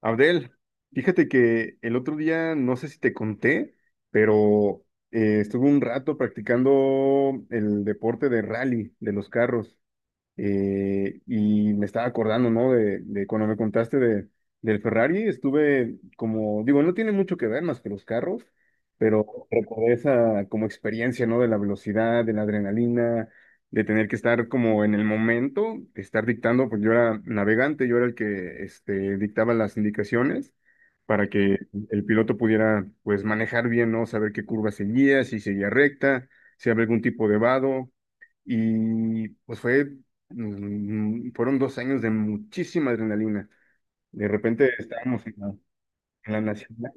Abdel, fíjate que el otro día, no sé si te conté, pero estuve un rato practicando el deporte de rally de los carros. Y me estaba acordando, ¿no? De cuando me contaste del Ferrari, estuve como, digo, no tiene mucho que ver más que los carros, pero recordé esa como experiencia, ¿no? De la velocidad, de la adrenalina, de tener que estar como en el momento, estar dictando, pues yo era navegante, yo era el que este, dictaba las indicaciones para que el piloto pudiera, pues, manejar bien, ¿no? Saber qué curva seguía, si seguía recta, si había algún tipo de vado y pues fue, fueron dos años de muchísima adrenalina. De repente estábamos en la nacional.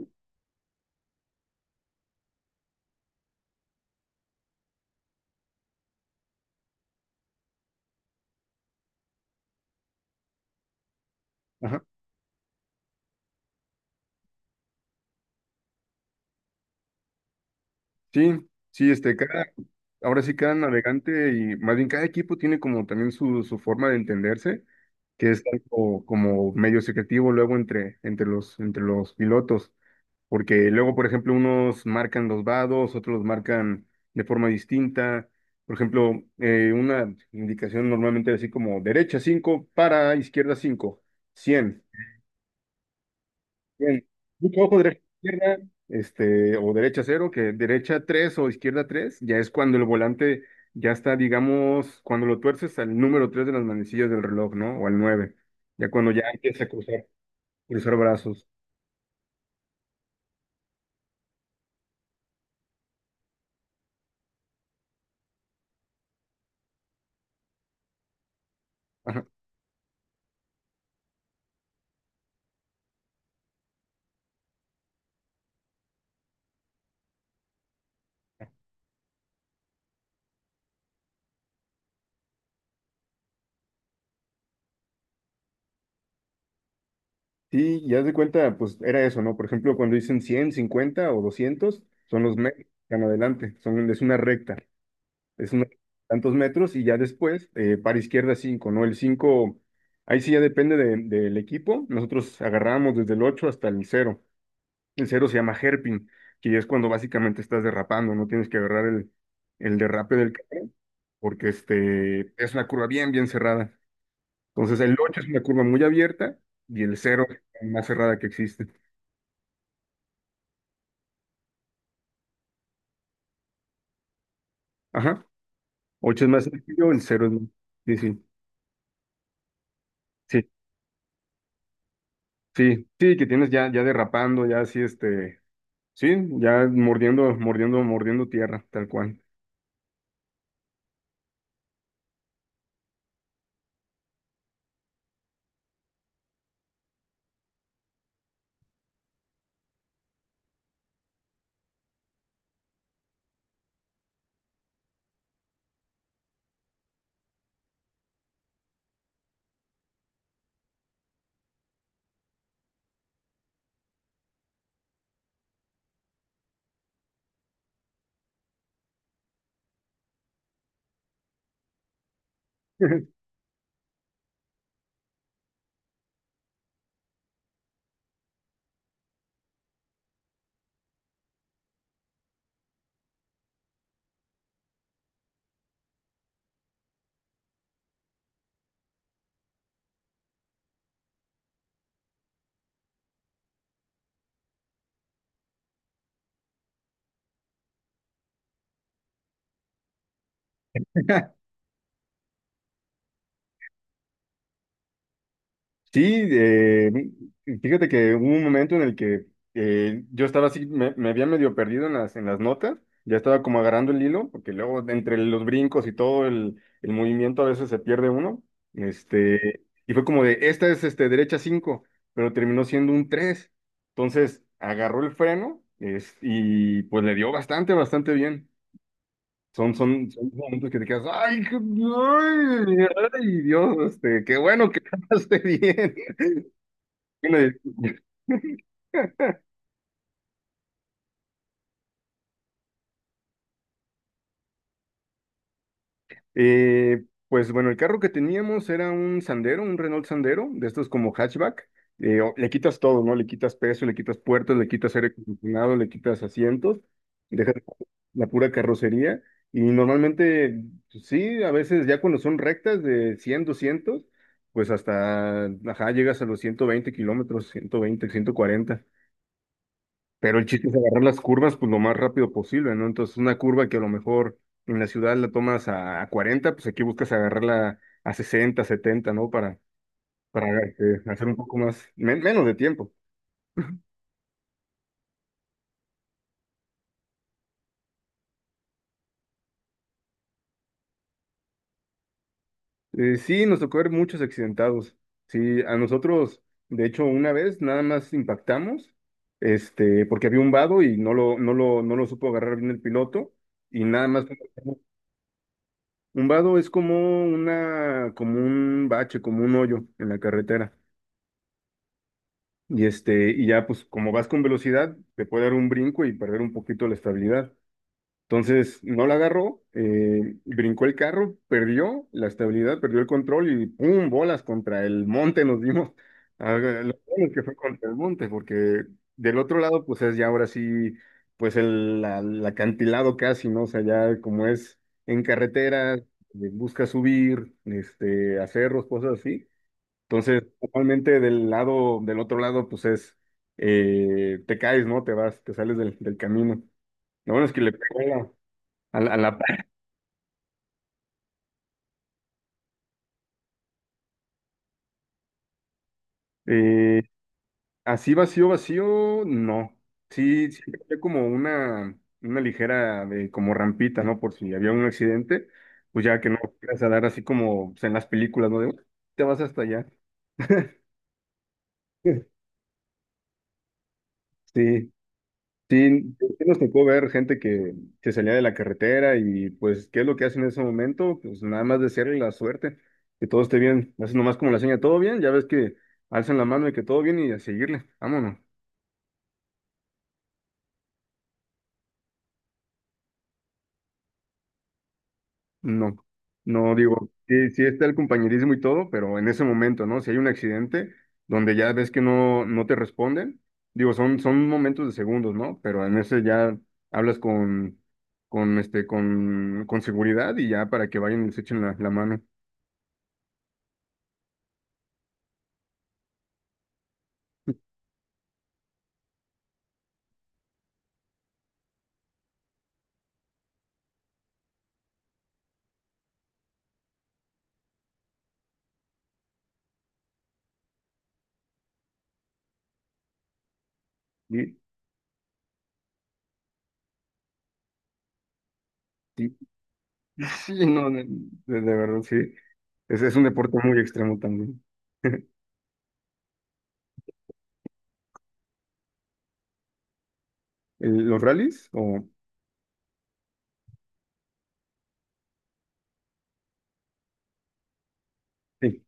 Ajá. Sí, sí, este, cada, ahora sí cada navegante y más bien cada equipo tiene como también su forma de entenderse, que es algo como medio secretivo luego entre los pilotos. Porque luego, por ejemplo, unos marcan los vados, otros los marcan de forma distinta. Por ejemplo, una indicación normalmente así como derecha 5 para izquierda 5 100 100. Mucho ojo derecha, izquierda, este, o derecha cero que derecha 3 o izquierda 3 ya es cuando el volante ya está, digamos, cuando lo tuerces al número 3 de las manecillas del reloj, ¿no? O al 9 ya cuando ya empieza a cruzar, cruzar brazos. Ajá. Sí, ya de cuenta, pues era eso, ¿no? Por ejemplo, cuando dicen 100 50 o 200 son los metros, están adelante, son, es una recta, es una tantos metros y ya después, para izquierda cinco, ¿no? El 5 ahí sí ya depende de- del equipo, nosotros agarramos desde el 8 hasta el cero, el cero se llama hairpin, que ya es cuando básicamente estás derrapando, no tienes que agarrar el derrape del carro, porque este, es una curva bien, bien cerrada. Entonces el 8 es una curva muy abierta y el cero es la más cerrada que existe. Ajá. Ocho es más sencillo, el cero es más... Sí, sí, sí, sí, sí, que tienes ya, ya derrapando, ya así, este, sí, ya mordiendo, mordiendo, mordiendo tierra, tal cual. Sí, eh, fíjate que hubo un momento en el que yo estaba así, me había medio perdido en las notas, ya estaba como agarrando el hilo, porque luego entre los brincos y todo el movimiento a veces se pierde uno, este, y fue como de, esta es este, derecha 5, pero terminó siendo un 3, entonces agarró el freno es- y pues le dio bastante, bastante bien. Son, son, son momentos que te quedas, ay, qué- ay, ay, Dios, este, qué bueno que cantaste bien. Una disculpa. Pues bueno, el carro que teníamos era un Sandero, un Renault Sandero, de estos como hatchback. O- le quitas todo, ¿no? Le quitas peso, le quitas puertas, le quitas aire acondicionado, le quitas asientos, dejas la pura carrocería. Y normalmente, pues, sí, a veces ya cuando son rectas de 100, 200, pues hasta, ajá, llegas a los 120 kilómetros, 120, 140. Pero el chiste es agarrar las curvas pues lo más rápido posible, ¿no? Entonces una curva que a lo mejor en la ciudad la tomas a 40, pues aquí buscas agarrarla a 60, 70, ¿no? Para hacer un poco más, men- menos de tiempo. Sí, nos tocó ver muchos accidentados. Sí, a nosotros, de hecho, una vez nada más impactamos, este, porque había un vado y no lo supo agarrar bien el piloto y nada más. Un vado es como una, como un bache, como un hoyo en la carretera. Y este, y ya pues como vas con velocidad, te puede dar un brinco y perder un poquito la estabilidad. Entonces, no la agarró, brincó el carro, perdió la estabilidad, perdió el control y ¡pum! Bolas contra el monte nos dimos. Ah, lo bueno que fue contra el monte, porque del otro lado, pues es ya ahora sí, pues el, la- el acantilado casi, ¿no? O sea, ya como es en carretera, busca subir, este, a cerros, cosas así, entonces, normalmente del lado, del otro lado, pues es, te caes, ¿no? Te vas, te sales del, del camino. Lo bueno es que le pegó pared. Eh, Así vacío, vacío, no. Sí, sí, había como una ligera, de, como rampita, ¿no? Por si había un accidente, pues ya que no vas a dar así como pues, en las películas, ¿no? De, "Uy, te vas hasta allá." Sí. Sí, sí nos tocó ver gente que salía de la carretera y pues, ¿qué es lo que hacen en ese momento? Pues nada más desearle la suerte, que todo esté bien. Hacen nomás como la seña, todo bien, ya ves que alzan la mano y que todo bien y a seguirle, vámonos. No, no digo, sí, sí está el compañerismo y todo, pero en ese momento, ¿no? Si hay un accidente donde ya ves que no, no te responden, digo, son, son momentos de segundos, ¿no? Pero en ese ya hablas con, este, con seguridad y ya para que vayan y se echen la la mano. Y- y- y sí, no, de verdad, sí. Es un deporte muy extremo también. El- ¿Los rallies? O... Sí.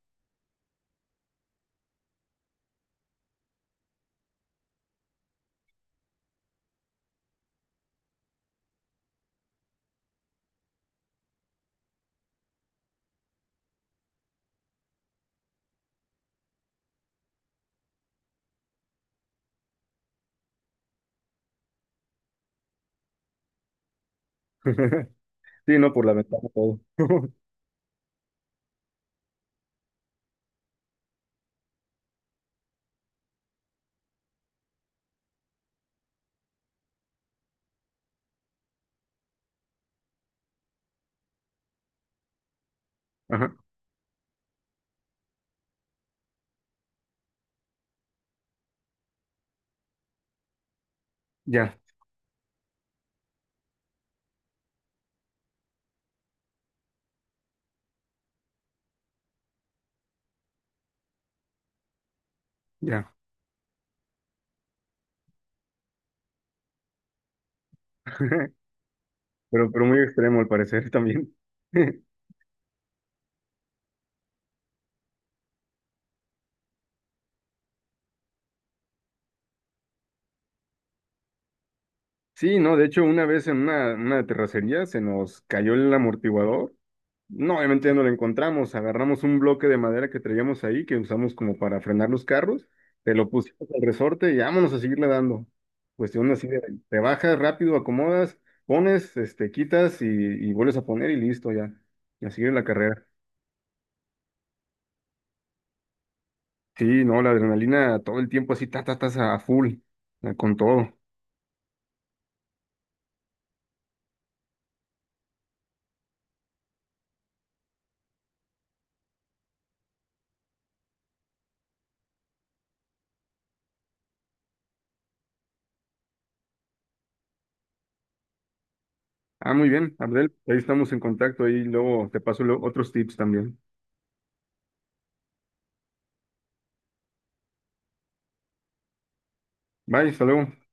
Sí, no, por la ventana todo. Ajá, ya, ya. Pero muy extremo al parecer también. Sí, no, de hecho, una vez en una terracería se nos cayó el amortiguador. No, obviamente ya no lo encontramos. Agarramos un bloque de madera que traíamos ahí, que usamos como para frenar los carros, te lo pusimos al resorte y vámonos a seguirle dando. Cuestión así de, te bajas rápido, acomodas, pones, este, quitas y vuelves a poner y listo ya. Y a seguir la carrera. Sí, no, la adrenalina todo el tiempo así, ta, ta, tas a full, con todo. Ah, muy bien, Abdel, ahí estamos en contacto, ahí luego te paso lo- otros tips también. Bye, hasta luego.